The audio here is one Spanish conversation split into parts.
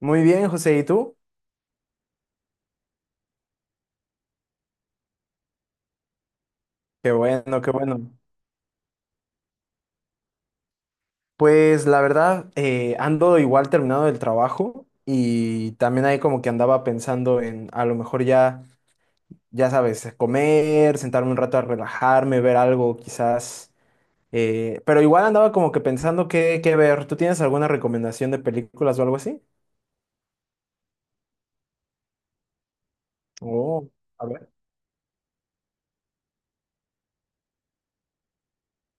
Muy bien, José, ¿y tú? Qué bueno, qué bueno. Pues la verdad, ando igual terminado del trabajo y también ahí como que andaba pensando en a lo mejor ya, ya sabes, comer, sentarme un rato a relajarme, ver algo quizás, pero igual andaba como que pensando qué ver. ¿Tú tienes alguna recomendación de películas o algo así? Oh, a ver.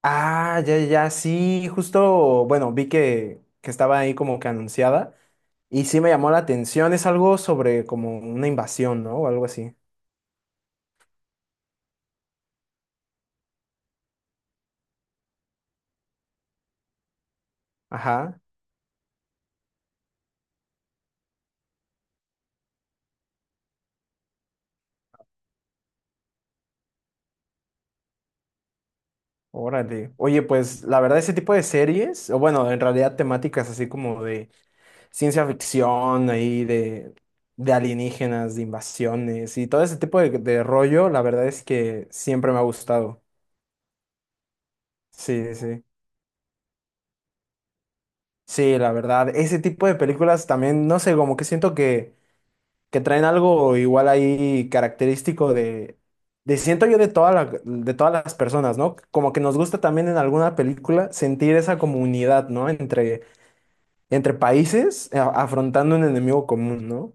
Ah, ya, sí, justo, bueno, vi que estaba ahí como que anunciada. Y sí me llamó la atención, es algo sobre como una invasión, ¿no? O algo así. Ajá, órale. Oye, pues la verdad ese tipo de series, o bueno, en realidad temáticas así como de ciencia ficción, ahí de alienígenas, de invasiones y todo ese tipo de rollo, la verdad es que siempre me ha gustado. Sí, sí. Sí, la verdad, ese tipo de películas también, no sé, como que siento que traen algo igual ahí característico de siento yo de toda la- de todas las personas, ¿no? Como que nos gusta también en alguna película sentir esa comunidad, ¿no? Entre, entre países a- afrontando un enemigo común, ¿no?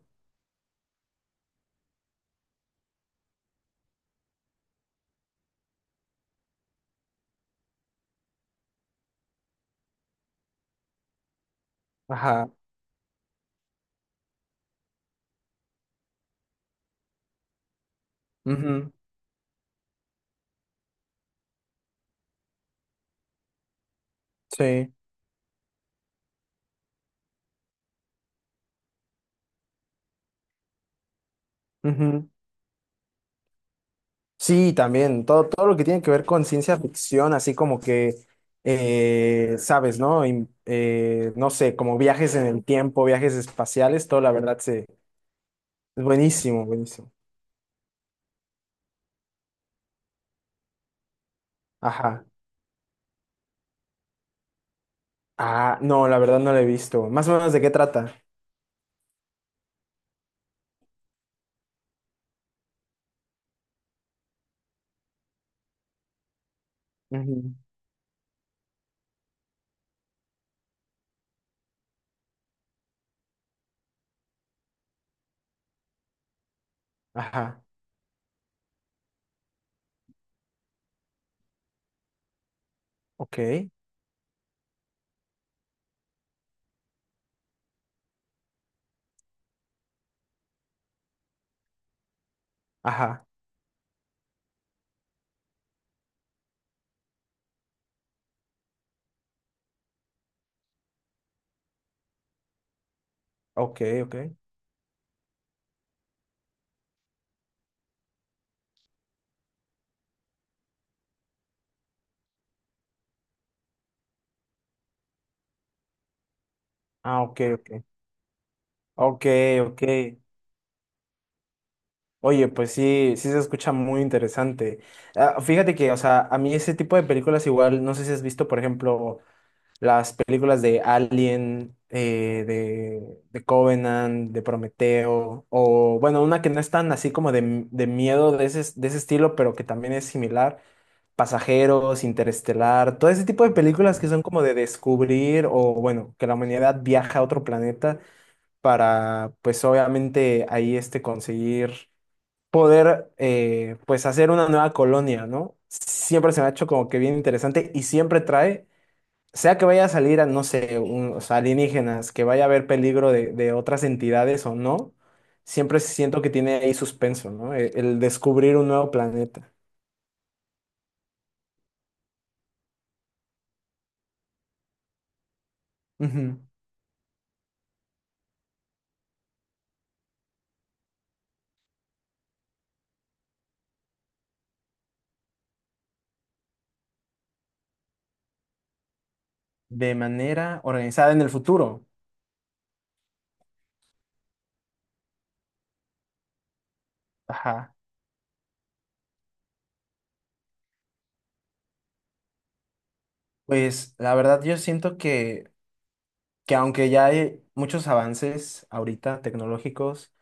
Ajá. Ujú. Sí. Ujú. Sí, también. Todo, todo lo que tiene que ver con ciencia ficción, así como que, sabes, ¿no? No sé, como viajes en el tiempo, viajes espaciales, todo la verdad se... Es buenísimo, buenísimo. Ajá. Ah, no, la verdad no la he visto. Más o menos de qué trata. Ujú. Ajá, ok, ajá, ok, ok. Ah, ok, ok. Ok, ok. Oye, pues sí, sí se escucha muy interesante. Ah, fíjate que, o sea, a mí ese tipo de películas igual, no sé si has visto, por ejemplo, las películas de Alien, de Covenant, de Prometeo, o bueno, una que no es tan así como de miedo de ese estilo, pero que también es similar. Pasajeros, Interestelar, todo ese tipo de películas que son como de descubrir o bueno, que la humanidad viaja a otro planeta para pues obviamente ahí este conseguir poder pues hacer una nueva colonia, ¿no? Siempre se me ha hecho como que bien interesante y siempre trae sea que vaya a salir a, no sé, un- o sea, alienígenas, que vaya a haber peligro de otras entidades o no, siempre siento que tiene ahí suspenso, ¿no? E- el, descubrir un nuevo planeta. Ujú. De manera organizada en el futuro. Ajá. Pues la verdad yo siento que aunque ya hay muchos avances ahorita tecnológicos,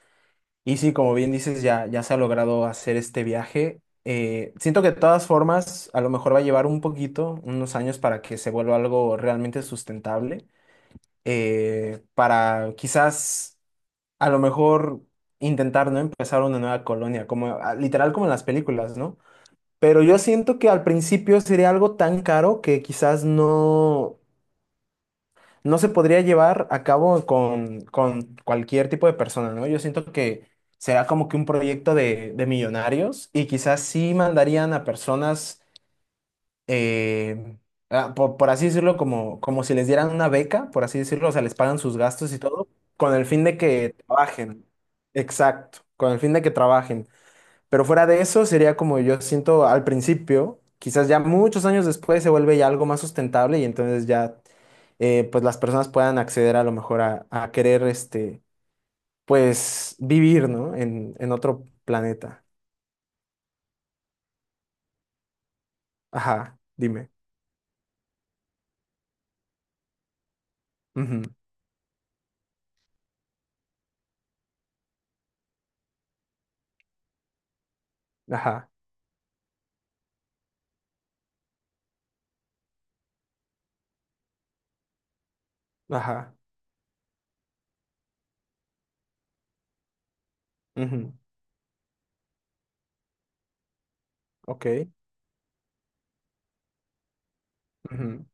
y sí, como bien dices, ya se ha logrado hacer este viaje. Siento que de todas formas, a lo mejor va a llevar un poquito, unos años para que se vuelva algo realmente sustentable. Para quizás, a lo mejor, intentar, ¿no? Empezar una nueva colonia, como ah, literal como en las películas, ¿no? Pero yo siento que al principio sería algo tan caro que quizás no, no se podría llevar a cabo con cualquier tipo de persona, ¿no? Yo siento que será como que un proyecto de millonarios y quizás sí mandarían a personas, eh, así decirlo, como, como si les dieran una beca, por así decirlo, o sea, les pagan sus gastos y todo, con el fin de que trabajen. Exacto, con el fin de que trabajen. Pero fuera de eso, sería como yo siento al principio, quizás ya muchos años después se vuelve ya algo más sustentable y entonces ya pues las personas puedan acceder a lo mejor a querer este, pues vivir, ¿no? En otro planeta. Ajá, dime. Ujú, ajá, ajá. Ujú, ok. Ujú,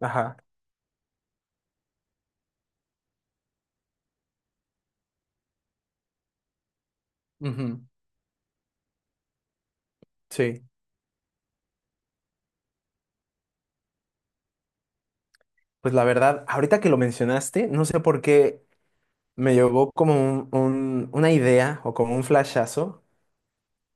ajá. Ujú, sí. Pues la verdad, ahorita que lo mencionaste, no sé por qué me llegó como un- una idea o como un flashazo.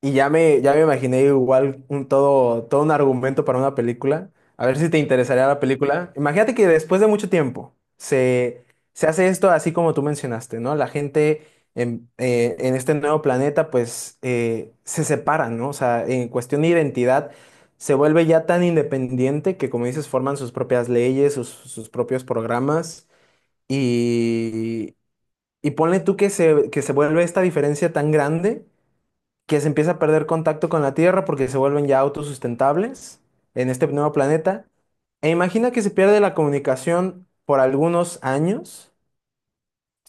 Y ya me imaginé igual un todo, todo un argumento para una película. A ver si te interesaría la película. Imagínate que después de mucho tiempo se, se hace esto así como tú mencionaste, ¿no? La gente en este nuevo planeta pues se separa, ¿no? O sea, en cuestión de identidad se vuelve ya tan independiente que como dices forman sus propias leyes, sus, sus propios programas y, y ponle tú que se vuelve esta diferencia tan grande que se empieza a perder contacto con la Tierra porque se vuelven ya autosustentables en este nuevo planeta. E imagina que se pierde la comunicación por algunos años.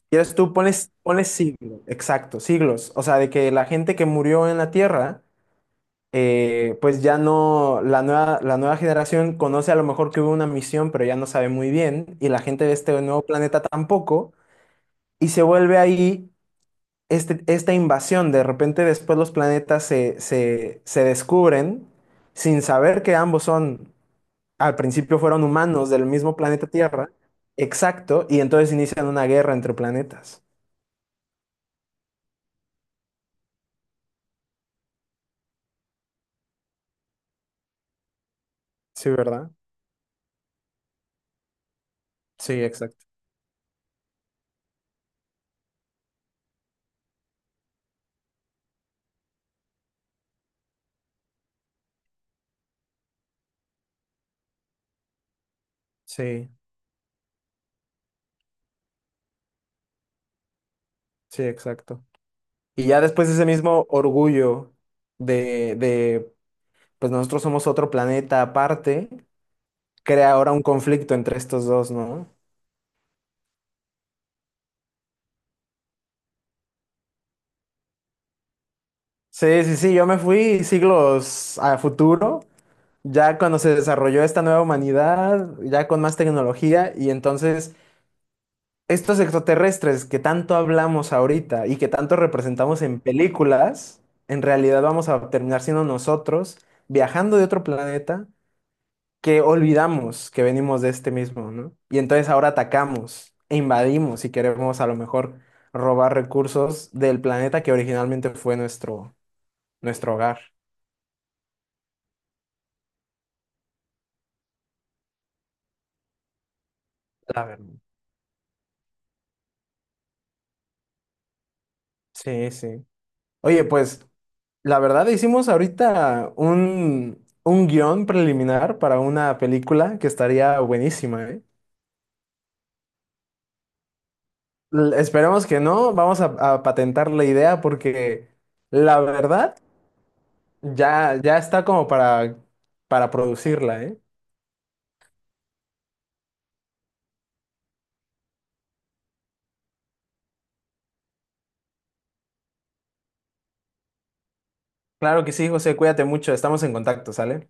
Quieres tú, pones, pones siglos, exacto, siglos. O sea, de que la gente que murió en la Tierra, pues ya no, la nueva generación conoce a lo mejor que hubo una misión, pero ya no sabe muy bien, y la gente de este nuevo planeta tampoco, y se vuelve ahí este- esta invasión, de repente después los planetas se descubren sin saber que ambos son, al principio fueron humanos del mismo planeta Tierra, exacto, y entonces inician una guerra entre planetas. Sí, ¿verdad? Sí, exacto. Sí, sí, exacto. Y ya después ese mismo orgullo de, pues nosotros somos otro planeta aparte, crea ahora un conflicto entre estos dos, ¿no? Sí, sí, sí, yo me fui siglos a futuro ya cuando se desarrolló esta nueva humanidad, ya con más tecnología, y entonces estos extraterrestres que tanto hablamos ahorita y que tanto representamos en películas, en realidad vamos a terminar siendo nosotros viajando de otro planeta que olvidamos que venimos de este mismo, ¿no? Y entonces ahora atacamos e invadimos y queremos a lo mejor robar recursos del planeta que originalmente fue nuestro, nuestro hogar. La verdad. Sí, sí. Oye, pues la verdad, hicimos ahorita un guión preliminar para una película que estaría buenísima, ¿eh? L- Esperemos que no, vamos a patentar la idea porque la verdad ya, ya está como para producirla, ¿eh? Claro que sí, José, cuídate mucho, estamos en contacto, ¿sale?